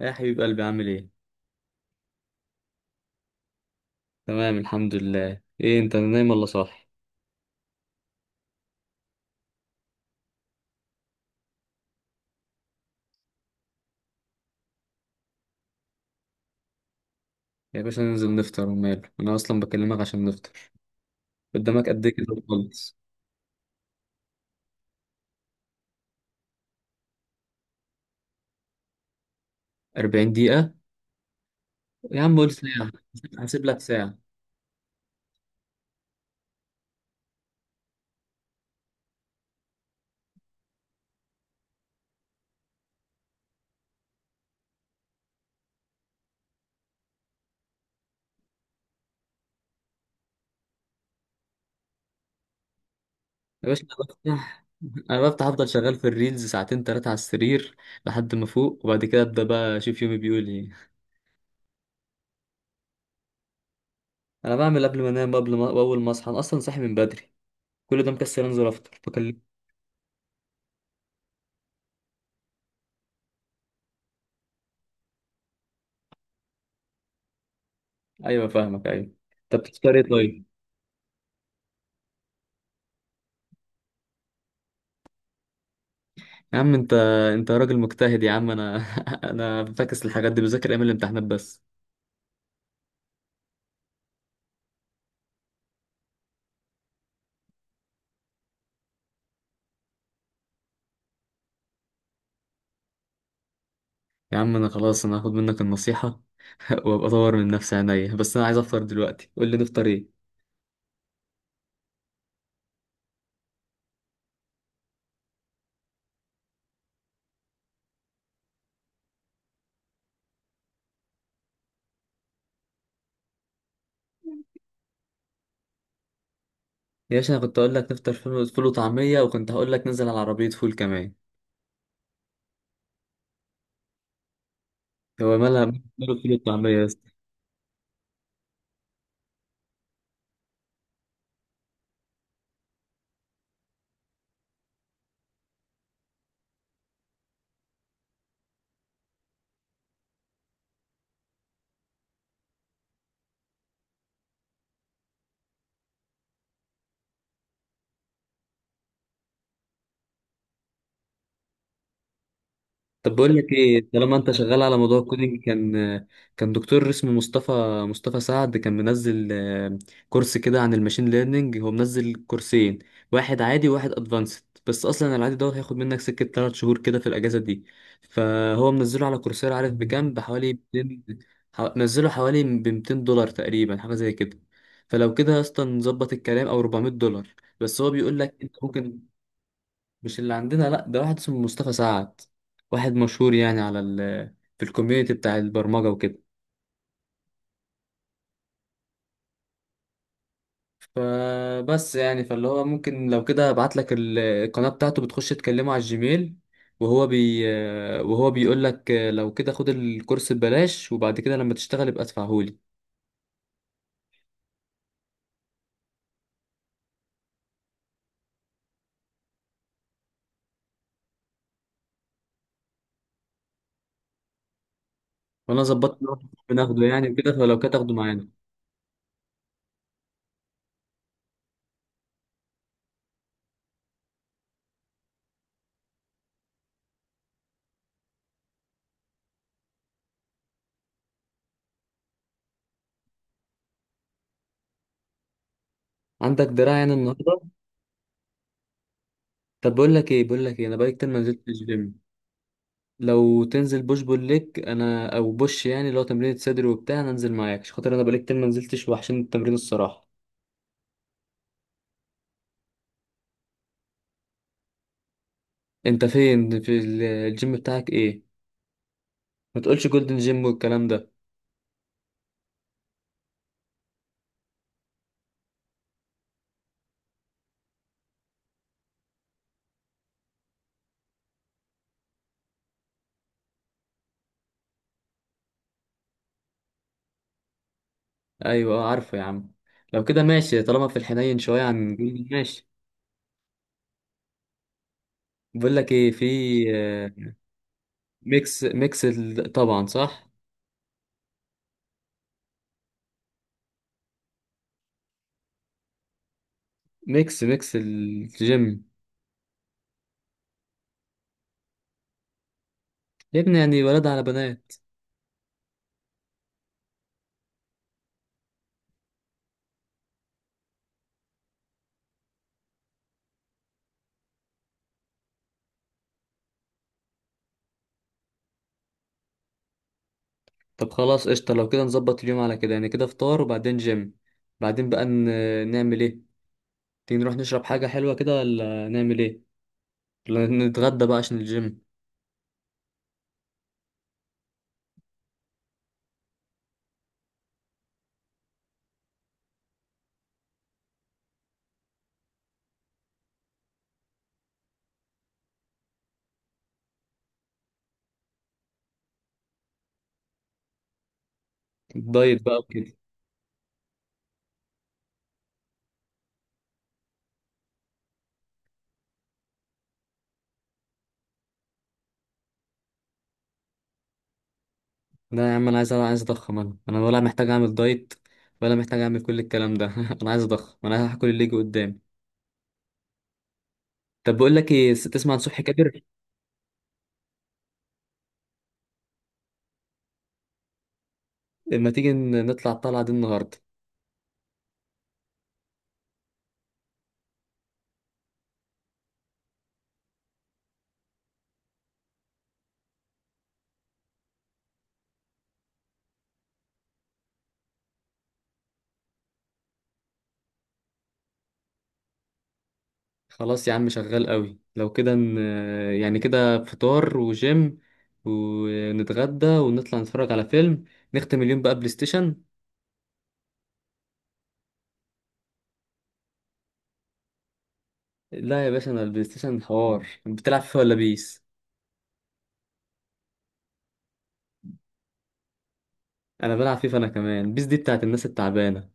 يا حبيب قلبي، عامل ايه؟ تمام، الحمد لله. ايه انت نايم ولا صاحي؟ يا باشا ننزل نفطر وماله، انا اصلا بكلمك عشان نفطر. قدامك قد ايه كده خالص؟ 40 دقيقة؟ يا عم قول ساعة. هسيب لك ساعة. يا باشا انا بفتح افضل شغال في الريلز ساعتين تلاتة على السرير لحد ما فوق، وبعد كده ابدا بقى اشوف يومي بيقول ايه. انا بعمل قبل ما انام، قبل ما واول ما اصحى انا اصلا صاحي من بدري. كل ده مكسل انزل افطر بكلم. ايوه، فاهمك، ايوه. طب بتفطر ايه طيب؟ يا عم انت راجل مجتهد يا عم، انا انا فاكس الحاجات دي، بذاكر ايام الامتحانات بس. يا عم انا خلاص، انا هاخد منك النصيحة وابقى اطور من نفسي عينيا، بس انا عايز افطر دلوقتي، قول لي نفطر ايه. يا باشا انا كنت اقول لك نفطر فول، فول وطعمية، وكنت هقول لك ننزل على عربية فول كمان. هو مالها؟ ماله فول وطعمية؟ طب بقول لك ايه، طالما انت شغال على موضوع الكودينج، كان دكتور اسمه مصطفى سعد، كان منزل كورس كده عن الماشين ليرنينج. هو منزل كورسين، واحد عادي وواحد ادفانسد. بس اصلا العادي دوت هياخد منك سكه 3 شهور كده في الاجازه دي. فهو منزله على كورسيرا، عارف بكام؟ بحوالي 200. نزله حوالي ب 200 دولار تقريبا، حاجه زي كده. فلو كده اصلا نظبط الكلام، او 400 دولار. بس هو بيقول لك انت ممكن. مش اللي عندنا، لا، ده واحد اسمه مصطفى سعد. واحد مشهور يعني على ال، في الكوميونتي بتاع البرمجة وكده. فبس يعني فاللي هو ممكن لو كده ابعت لك القناة بتاعته، بتخش تكلمه على الجيميل. وهو بي وهو بيقول لك لو كده خد الكورس ببلاش، وبعد كده لما تشتغل يبقى ادفعهولي. وانا ظبطت إن هو بناخده يعني وكده، فلو كده تاخده معانا. عندك دراع يعني النهارده؟ طب بقول لك ايه، انا بقالي كتير ما نزلتش الجيم. لو تنزل بوش بول ليج انا، او بوش، يعني لو تمرين صدر وبتاع انا انزل معاك عشان خاطر انا بقالي كتير ما نزلتش، وحشين التمرين الصراحه. انت فين، في الجيم بتاعك ايه؟ ما تقولش جولدن جيم والكلام ده. ايوه، اه عارفه يا عم. لو كده ماشي، طالما في الحنين شويه عن جولدن ماشي. بقول لك ايه، في آه، طبعا صح، ميكس ميكس الجيم يا ابني، يعني ولاد على بنات. طب خلاص قشطه، لو كده نظبط اليوم على كده، يعني كده فطار وبعدين جيم، بعدين بقى نعمل ايه؟ تيجي نروح نشرب حاجة حلوة كده، ولا نعمل ايه؟ ولا نتغدى بقى عشان الجيم؟ الدايت بقى وكده. لا يا عم انا عايز، عايز اضخم انا ولا محتاج اعمل دايت، ولا محتاج اعمل كل الكلام ده. انا عايز اضخم، انا هاكل اللي يجي قدامي. طب بقول لك ايه، تسمع عن صبحي كابر؟ لما تيجي نطلع الطلعة دي النهاردة؟ خلاص يا عم شغال قوي، لو كده يعني كده فطار وجيم، ونتغدى ونطلع نتفرج على فيلم، نختم اليوم بقى بلاي ستيشن. لا يا باشا، انا البلاي ستيشن حوار، بتلعب فيه ولا بيس؟ انا بلعب فيفا، انا كمان بيس دي بتاعت الناس التعبانه.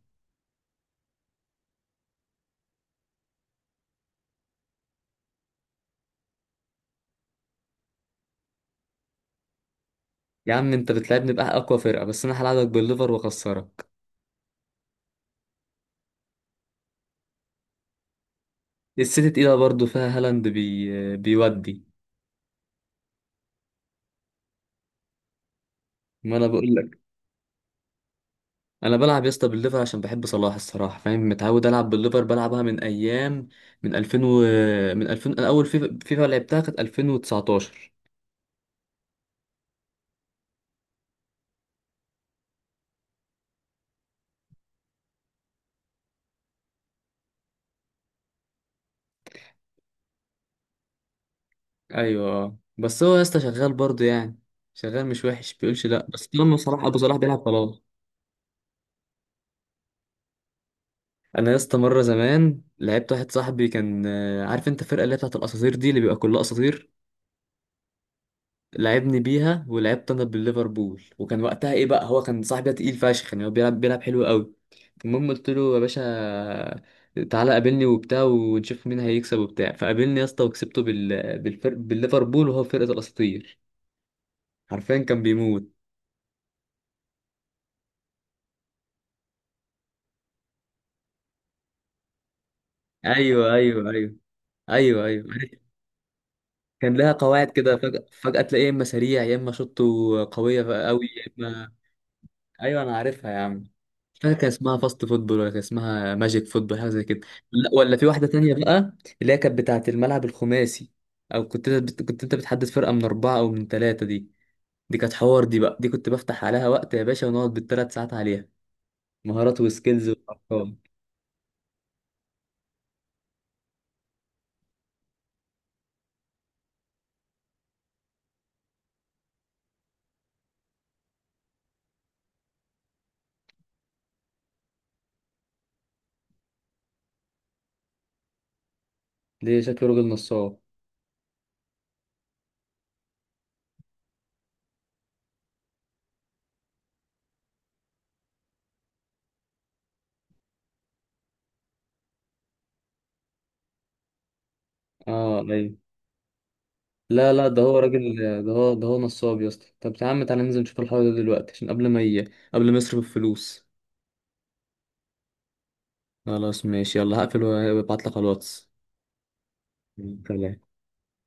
يا عم انت بتلعبني بقى اقوى فرقه، بس انا هلعبك بالليفر واخسرك. السيتي تقيله برضه، فيها هالاند بيودي. ما انا بقول لك. انا بلعب يا اسطى بالليفر عشان بحب صلاح الصراحه، فاهم، متعود العب بالليفر، بلعبها من ايام، من 2000 من 2000، انا اول فيفا لعبتها كانت 2019. ايوه بس هو يا اسطى شغال برضه يعني، شغال مش وحش بيقولش لا، بس طالما صلاح ابو صلاح بيلعب خلاص. انا يا اسطى مره زمان لعبت واحد صاحبي كان عارف انت الفرقه اللي هي بتاعت الاساطير دي، اللي بيبقى كلها اساطير. لعبني بيها، ولعبت انا بالليفربول، وكان وقتها ايه بقى، هو كان صاحبي ده تقيل فشخ يعني، هو بيلعب، بيلعب حلو قوي. المهم قلت له يا باشا تعالى قابلني وبتاع ونشوف مين هيكسب وبتاع، فقابلني يا اسطى وكسبته بالفرق، بالليفربول، وهو فرقه الاساطير. حرفيا كان بيموت. ايوه، ايوه، ايوه. ايوه، ايوه عارف. كان لها قواعد كده، فجأة، فجأة تلاقيه يا اما سريع يا اما شوطه قويه قوي، يا اما ايوه انا عارفها يا عم. مش فاكر كان اسمها فاست فوتبول، ولا كان اسمها ماجيك فوتبول، حاجه زي كده. لا ولا في واحده تانية بقى، اللي هي كانت بتاعه الملعب الخماسي، او كنت انت كنت انت بتحدد فرقه من اربعه او من ثلاثه. دي، دي كانت حوار دي بقى، دي كنت بفتح عليها وقت يا باشا، ونقعد بالثلاث ساعات عليها، مهارات وسكيلز وارقام. دي شكله راجل نصاب. اه ايوه. لا لا، ده هو راجل، ده هو نصاب يا اسطى. طب يا عم تعالى ننزل نشوف الحوار ده دلوقتي، عشان قبل ما يصرف الفلوس. خلاص ماشي يلا، هقفل وابعت لك على الواتس. سلام.